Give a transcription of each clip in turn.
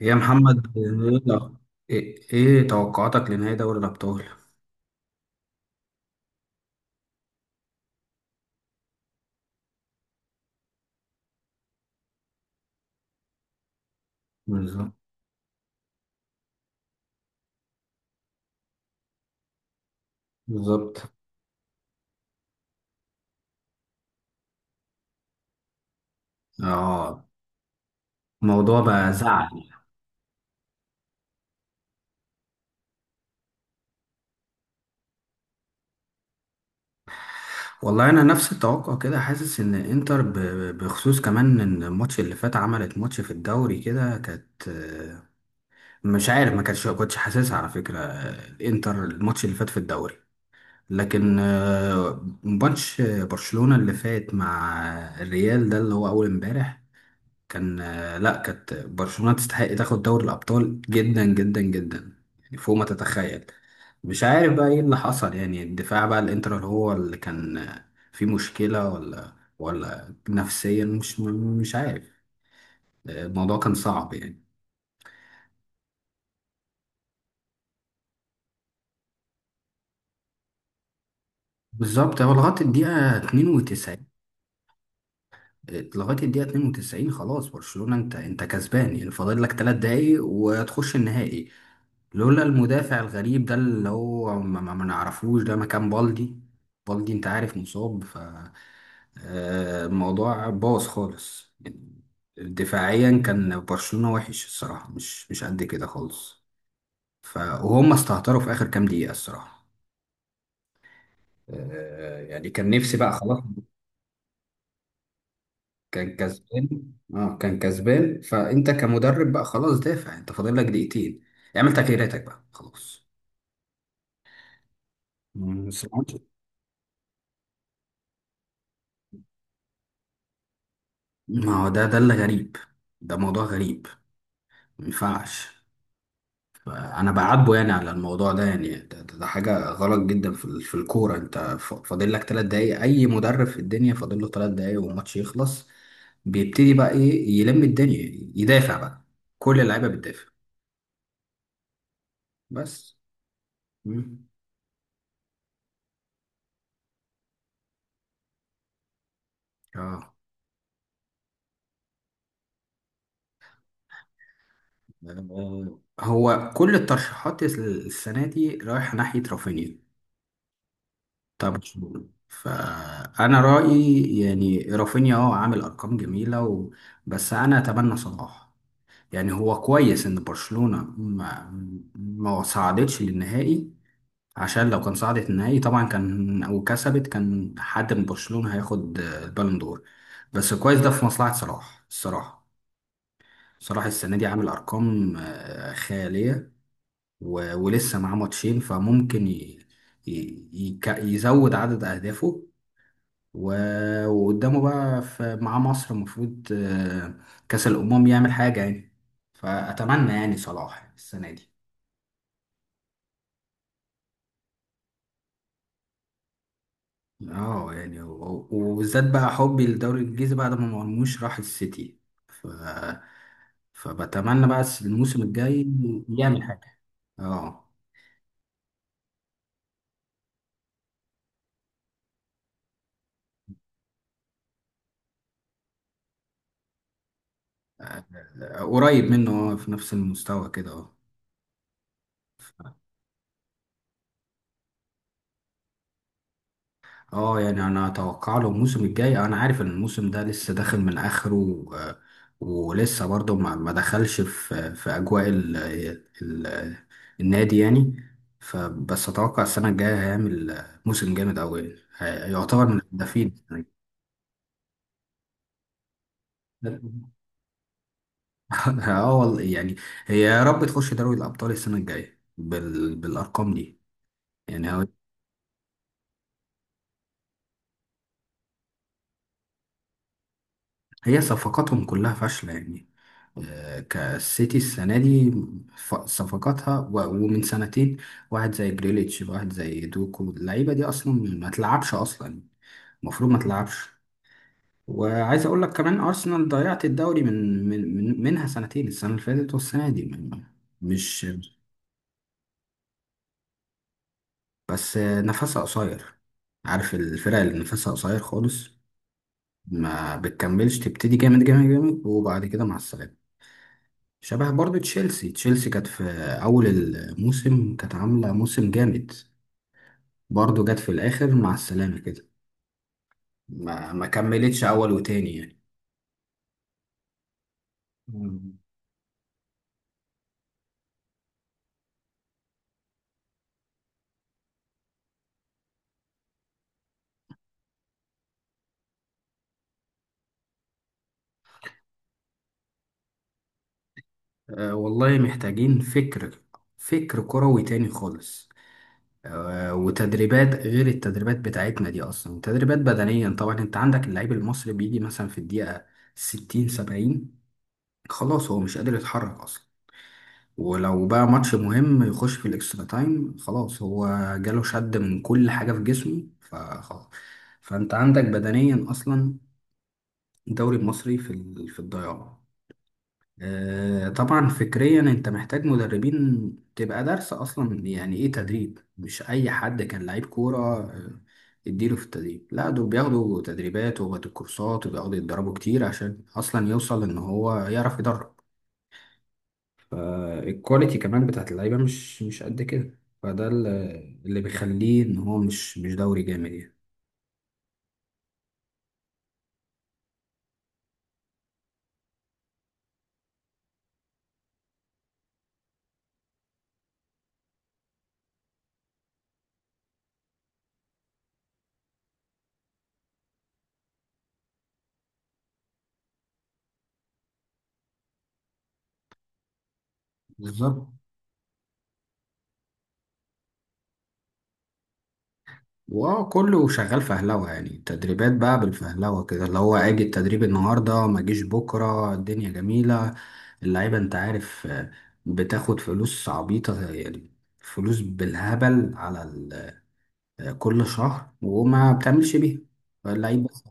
إيه يا محمد ايه ايه إيه توقعاتك لنهائي دوري الابطال؟ بالظبط. بالظبط. اه الموضوع بقى زعل. والله انا نفس التوقع كده، حاسس ان انتر بخصوص كمان ان الماتش اللي فات عملت ماتش في الدوري كده، كانت مش عارف، ما كانتش كنتش حاسسها على فكرة. الانتر الماتش اللي فات في الدوري، لكن ماتش برشلونة اللي فات مع الريال ده اللي هو اول امبارح كان لا، كانت برشلونة تستحق تاخد دوري الأبطال جدا جدا جدا، يعني فوق ما تتخيل. مش عارف بقى ايه اللي حصل، يعني الدفاع بقى الانتر اللي هو اللي كان فيه مشكلة ولا نفسيا، مش عارف. الموضوع كان صعب يعني. بالظبط، هو لغاية الدقيقة 92. لغاية الدقيقة 92 خلاص برشلونة انت كسبان، يعني فاضل لك ثلاث دقايق وتخش النهائي، لولا المدافع الغريب ده اللي هو ما نعرفوش ده مكان بالدي. بالدي انت عارف مصاب، ف الموضوع باظ خالص يعني. دفاعيا كان برشلونة وحش الصراحة، مش قد كده خالص. ف وهم استهتروا في آخر كام دقيقة الصراحة. يعني كان نفسي بقى خلاص. كان كسبان، اه كان كسبان، فانت كمدرب بقى خلاص، دافع، انت فاضل لك دقيقتين، اعمل تغييراتك بقى خلاص. بس ما هو ده اللي غريب، ده موضوع غريب، ما ينفعش. فانا بعاتبه يعني على الموضوع ده، يعني ده حاجه غلط جدا في في الكوره. انت فاضل لك ثلاث دقايق، اي مدرب في الدنيا فاضل له ثلاث دقايق والماتش يخلص بيبتدي بقى ايه، يلم الدنيا، يدافع بقى، كل اللعيبه بتدافع. بس. مم. اه، هو كل الترشيحات السنه دي رايحه ناحيه رافينيا. طب فانا رايي يعني رافينيا اه عامل ارقام جميله و... بس انا اتمنى صلاح. يعني هو كويس ان برشلونه ما صعدتش للنهائي، عشان لو كان صعدت النهائي طبعا كان او كسبت، كان حد من برشلونه هياخد البالون دور. بس كويس ده في مصلحه صلاح الصراحه. صلاح السنه دي عامل ارقام خياليه، ولسه معاه ماتشين، فممكن يزود عدد اهدافه، وقدامه بقى في مع مصر المفروض كأس الأمم يعمل حاجة يعني. فأتمنى يعني صلاح السنة دي. اه يعني وبالذات بقى حبي للدوري الإنجليزي بعد ما مرموش راح السيتي، ف... فبتمنى بقى الموسم الجاي يعمل حاجة. اه. قريب منه، في نفس المستوى كده اه. اه يعني انا اتوقع له الموسم الجاي، انا عارف ان الموسم ده لسه داخل من اخره، ولسه برضه ما دخلش في في اجواء ال النادي يعني. فبس اتوقع السنه الجايه هيعمل موسم جامد قوي، هيعتبر من الهدافين السنة الجاية. اه والله يعني، هي يا رب تخش دوري الابطال السنه الجايه بال بالارقام دي يعني هو. هي صفقاتهم كلها فاشلة يعني، كالسيتي السنة دي. ف- صفقاتها ومن سنتين واحد زي جريليتش، واحد زي دوكو، اللعيبة دي أصلا ما تلعبش أصلا، المفروض ما تلعبش. وعايز أقول لك كمان أرسنال ضيعت الدوري من منها سنتين، السنة اللي فاتت والسنة دي مش بس نفسها قصير. عارف الفرق اللي نفسها قصير خالص؟ ما بتكملش، تبتدي جامد جامد جامد وبعد كده مع السلامة. شبه برضو تشيلسي، تشيلسي كانت في أول الموسم كانت عاملة موسم جامد، برضو جت في الآخر مع السلامة كده، ما كملتش أول وتاني يعني. مم. أه والله محتاجين فكر، فكر كروي تاني خالص. أه وتدريبات غير التدريبات بتاعتنا دي أصلا، تدريبات بدنيا طبعا. أنت عندك اللعيب المصري بيجي مثلا في الدقيقة 60 70 خلاص هو مش قادر يتحرك أصلا. ولو بقى ماتش مهم يخش في الاكسترا تايم خلاص هو جاله شد من كل حاجة في جسمه فخلاص. فانت عندك بدنيا اصلا الدوري المصري في في الضياع. طبعا فكريا انت محتاج مدربين تبقى دارسة اصلا يعني ايه تدريب، مش اي حد كان لعيب كورة آه، اديله في التدريب. لا، دول بياخدوا تدريبات وبياخدوا كورسات وبياخدوا يتدربوا كتير عشان اصلا يوصل ان هو يعرف يدرب. الكواليتي كمان بتاعت اللعيبة مش قد كده، فده اللي بيخليه ان هو مش دوري جامد يعني. بالظبط. واه كله شغال فهلوة يعني، تدريبات بقى بالفهلوة كده، اللي هو اجي التدريب النهاردة ما جيش بكرة الدنيا جميلة. اللعيبة انت عارف بتاخد فلوس عبيطة يعني، فلوس بالهبل على كل شهر، وما بتعملش بيها اللعيب بس.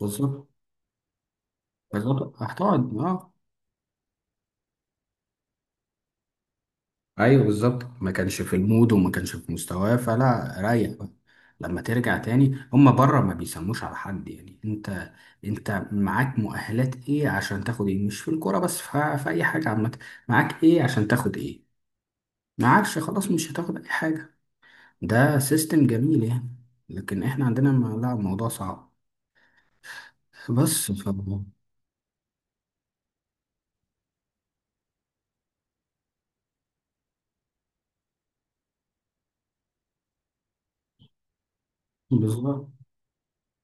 بالظبط. بالظبط هتقعد اه. ايوه بالظبط، ما كانش في المود وما كانش في مستواه، فلا ريح بقى. لما ترجع تاني هما بره ما بيسموش على حد يعني. انت انت معاك مؤهلات ايه عشان تاخد ايه، مش في الكوره بس، في اي حاجه عامه. معاك ايه عشان تاخد ايه، معاكش خلاص مش هتاخد اي حاجه. ده سيستم جميل يعني، لكن احنا عندنا لا الموضوع صعب بس بالظبط.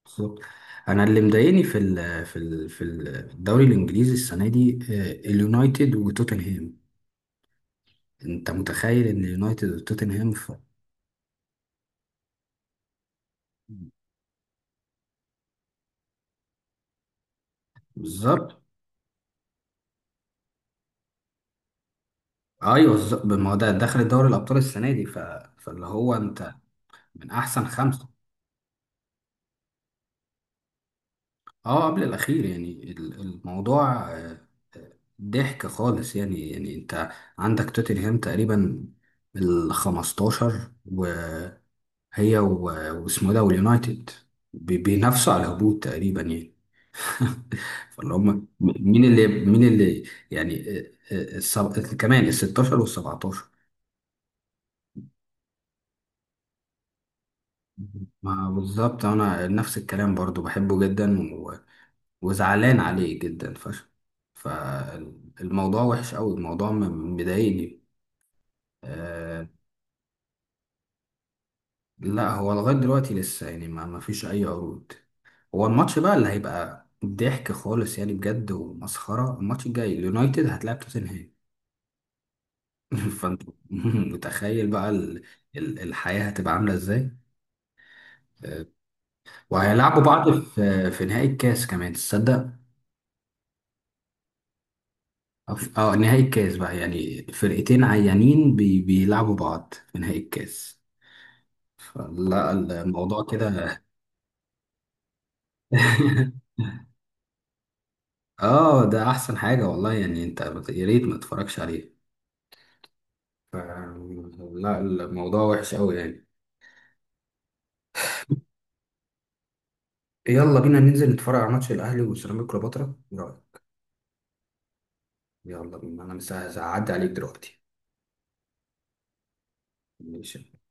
بالظبط. انا اللي مضايقني في ال في ال في الدوري الانجليزي السنه دي اليونايتد وتوتنهام. انت متخيل ان اليونايتد وتوتنهام ف-؟ بالظبط. ايوه بالظبط، ما هو ده دخل دوري الابطال السنه دي فاللي هو انت من احسن خمسه. اه قبل الاخير. يعني الموضوع ضحك خالص يعني، يعني انت عندك توتنهام تقريبا ال 15 هي واسمه ده واليونايتد بينافسوا على الهبوط تقريبا يعني. فاللي هم مين اللي مين اللي يعني كمان ال 16 وال 17. ما بالظبط انا نفس الكلام برضو، بحبه جدا وزعلان عليه جدا فشخ. فالموضوع وحش قوي، الموضوع مضايقني آه... لا هو لغاية دلوقتي لسه يعني ما فيش اي عروض. هو الماتش بقى اللي هيبقى ضحك خالص يعني، بجد ومسخرة، الماتش الجاي اليونايتد هتلاعب توتنهام. فانت متخيل بقى الحياة هتبقى عاملة ازاي؟ آه، وهيلعبوا بعض في في نهائي الكاس كمان تصدق؟ أو اه نهائي الكاس بقى يعني، فرقتين عيانين بيلعبوا بعض في نهائي الكاس، لا الموضوع كده. اه ده احسن حاجة والله يعني، انت يا ريت ما تتفرجش عليه. ف- لا الموضوع وحش قوي يعني. يلا بينا ننزل نتفرج على ماتش الاهلي وسيراميكا كليوباترا، ايه رايك؟ يلا بينا، انا مش هعدي عليك دلوقتي. ماشي.